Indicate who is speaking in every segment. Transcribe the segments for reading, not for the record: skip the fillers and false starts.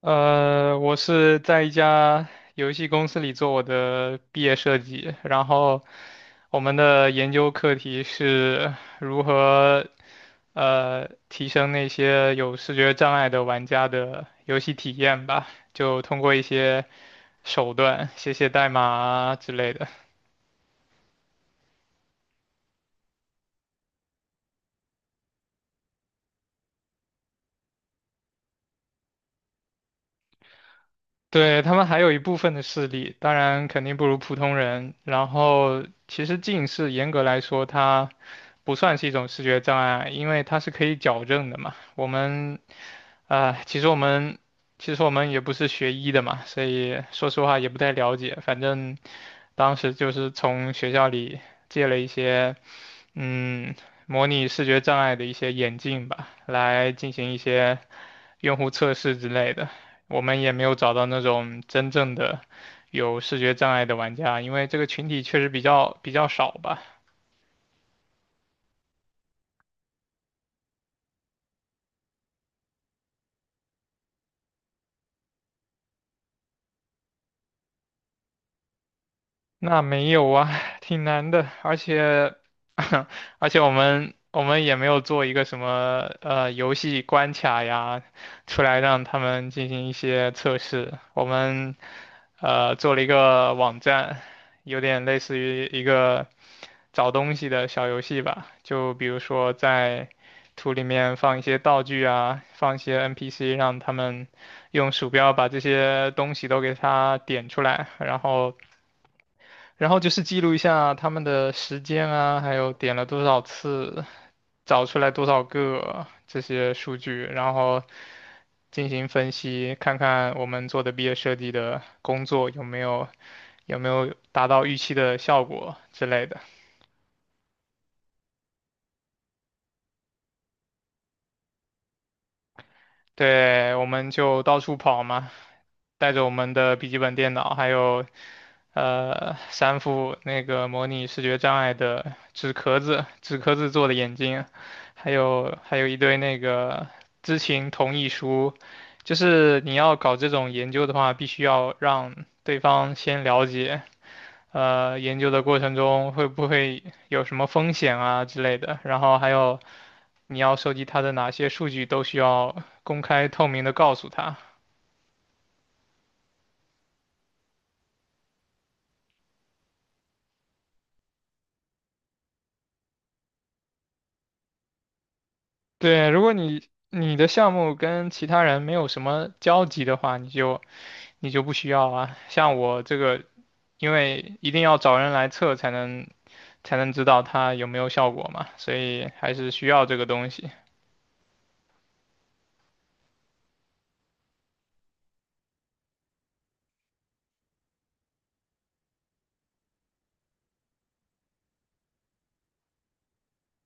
Speaker 1: 我是在一家游戏公司里做我的毕业设计，然后我们的研究课题是如何提升那些有视觉障碍的玩家的游戏体验吧，就通过一些手段，写写代码啊之类的。对，他们还有一部分的视力，当然肯定不如普通人。然后，其实近视严格来说，它不算是一种视觉障碍，因为它是可以矫正的嘛。我们啊、呃其实我们其实我们也不是学医的嘛，所以说实话也不太了解。反正当时就是从学校里借了一些嗯模拟视觉障碍的一些眼镜吧，来进行一些用户测试之类的，我们也没有找到那种真正的有视觉障碍的玩家，因为这个群体确实比较少吧。那没有啊，挺难的，而且 而且我们也没有做一个什么游戏关卡呀，出来让他们进行一些测试。我们做了一个网站，有点类似于一个找东西的小游戏吧，就比如说在图里面放一些道具啊，放一些 NPC,让他们用鼠标把这些东西都给它点出来。然后。然后就是记录一下他们的时间啊，还有点了多少次，找出来多少个这些数据，然后进行分析，看看我们做的毕业设计的工作有没有达到预期的效果之类的。对，我们就到处跑嘛，带着我们的笔记本电脑，还有三副那个模拟视觉障碍的纸壳子、纸壳子做的眼镜，还有一堆那个知情同意书。就是你要搞这种研究的话，必须要让对方先了解，研究的过程中会不会有什么风险啊之类的，然后还有你要收集它的哪些数据都需要公开透明的告诉他。对，如果你的项目跟其他人没有什么交集的话，你就不需要啊。像我这个，因为一定要找人来测才能知道它有没有效果嘛，所以还是需要这个东西。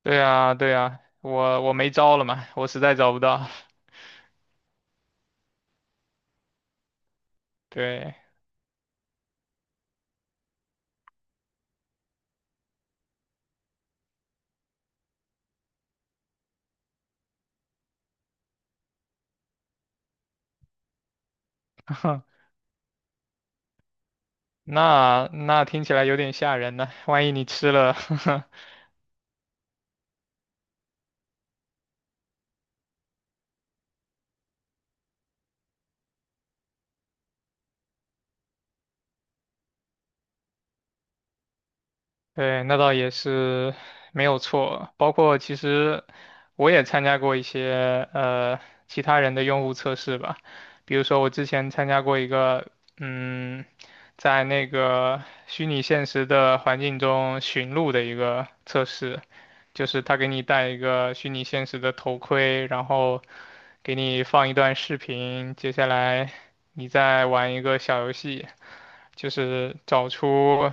Speaker 1: 对啊，对啊，我没招了嘛，我实在找不到。对，那那听起来有点吓人呢，万一你吃了，对，那倒也是没有错。包括其实我也参加过一些其他人的用户测试吧，比如说我之前参加过一个，嗯，在那个虚拟现实的环境中寻路的一个测试。就是他给你戴一个虚拟现实的头盔，然后给你放一段视频，接下来你再玩一个小游戏，就是找出，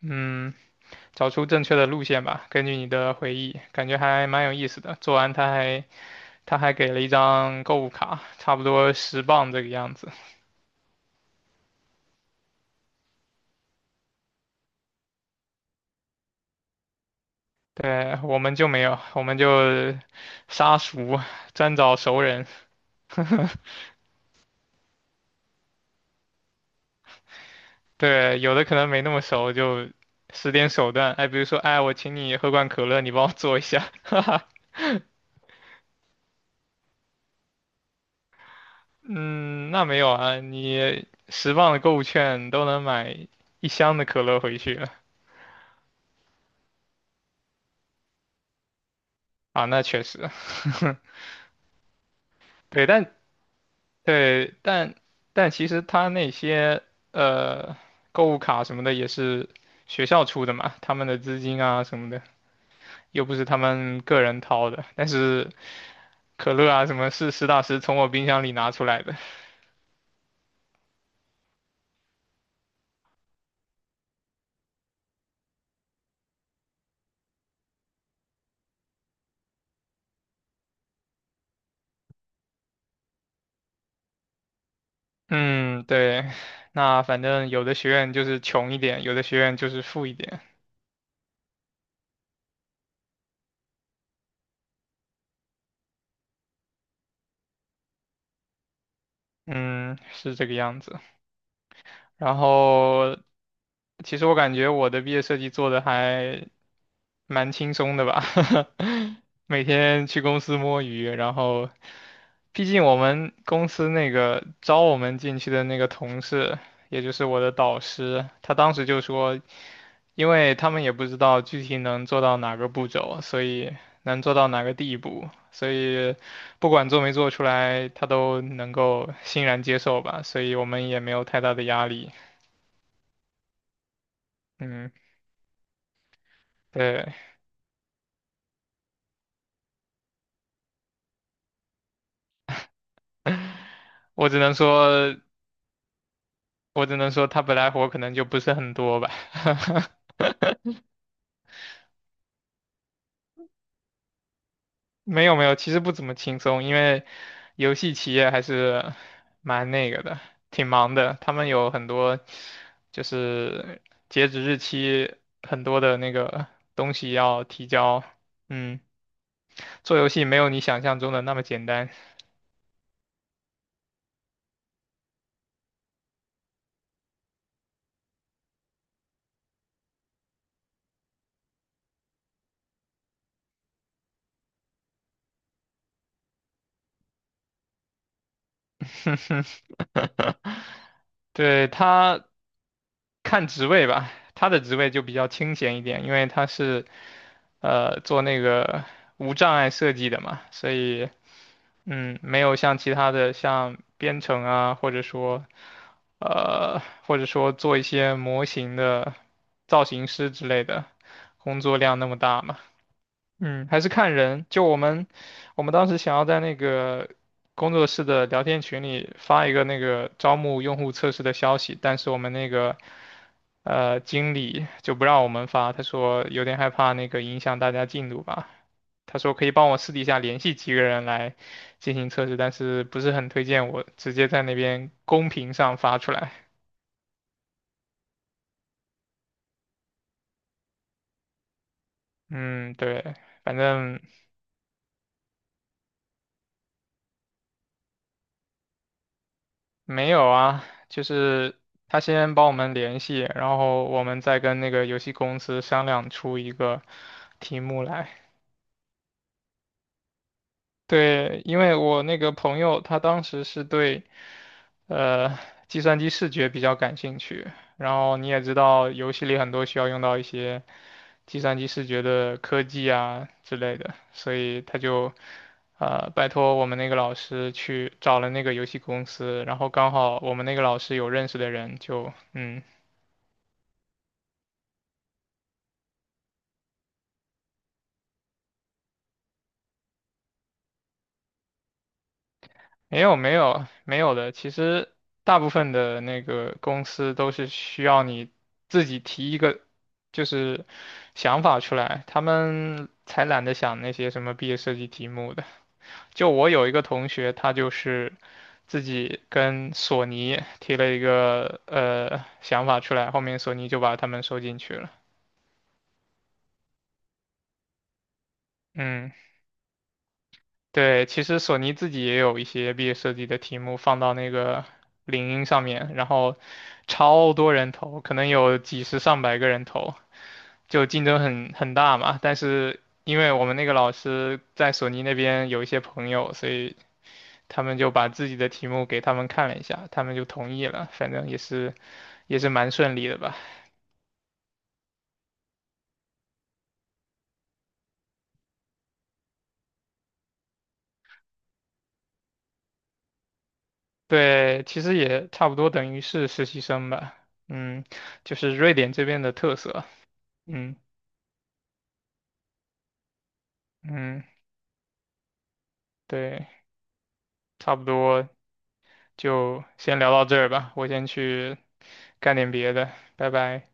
Speaker 1: 嗯，找出正确的路线吧，根据你的回忆，感觉还蛮有意思的。做完他还给了一张购物卡，差不多十磅这个样子。对，我们就没有，我们就杀熟，专找熟人。对，有的可能没那么熟，就使点手段。哎，比如说，哎，我请你喝罐可乐，你帮我做一下。哈哈，嗯，那没有啊，你十磅的购物券都能买一箱的可乐回去了。啊，那确实，对，但对,但但其实他那些呃购物卡什么的也是学校出的嘛，他们的资金啊什么的，又不是他们个人掏的。但是可乐啊什么是实打实从我冰箱里拿出来的。嗯，对，那反正有的学院就是穷一点，有的学院就是富一点，嗯，是这个样子。然后其实我感觉我的毕业设计做的还蛮轻松的吧，每天去公司摸鱼，然后毕竟我们公司那个招我们进去的那个同事，也就是我的导师，他当时就说，因为他们也不知道具体能做到哪个步骤，所以能做到哪个地步，所以不管做没做出来，他都能够欣然接受吧，所以我们也没有太大的压力。嗯，对，我只能说，我只能说他本来活可能就不是很多吧。没有没有，其实不怎么轻松，因为游戏企业还是蛮那个的，挺忙的。他们有很多就是截止日期，很多的那个东西要提交。嗯，做游戏没有你想象中的那么简单。对，他看职位吧，他的职位就比较清闲一点，因为他是做那个无障碍设计的嘛，所以嗯，没有像其他的像编程啊，呃或者说做一些模型的造型师之类的工作量那么大嘛。嗯，还是看人。就我们，我们当时想要在那个工作室的聊天群里发一个那个招募用户测试的消息，但是我们那个经理就不让我们发，他说有点害怕那个影响大家进度吧。他说可以帮我私底下联系几个人来进行测试，但是不是很推荐我直接在那边公屏上发出来。嗯，对，反正。没有啊，就是他先帮我们联系，然后我们再跟那个游戏公司商量出一个题目来。对，因为我那个朋友他当时是对呃计算机视觉比较感兴趣，然后你也知道游戏里很多需要用到一些计算机视觉的科技啊之类的，所以他就拜托我们那个老师去找了那个游戏公司，然后刚好我们那个老师有认识的人就，嗯。没有没有没有的，其实大部分的那个公司都是需要你自己提一个就是想法出来，他们才懒得想那些什么毕业设计题目的。就我有一个同学，他就是自己跟索尼提了一个想法出来，后面索尼就把他们收进去了。嗯。对，其实索尼自己也有一些毕业设计的题目放到那个领英上面，然后超多人投，可能有几十上百个人投，就竞争很大嘛。但是因为我们那个老师在索尼那边有一些朋友，所以他们就把自己的题目给他们看了一下，他们就同意了。反正也是蛮顺利的吧。对，其实也差不多等于是实习生吧。嗯，就是瑞典这边的特色。嗯嗯，对。差不多就先聊到这儿吧，我先去干点别的，拜拜。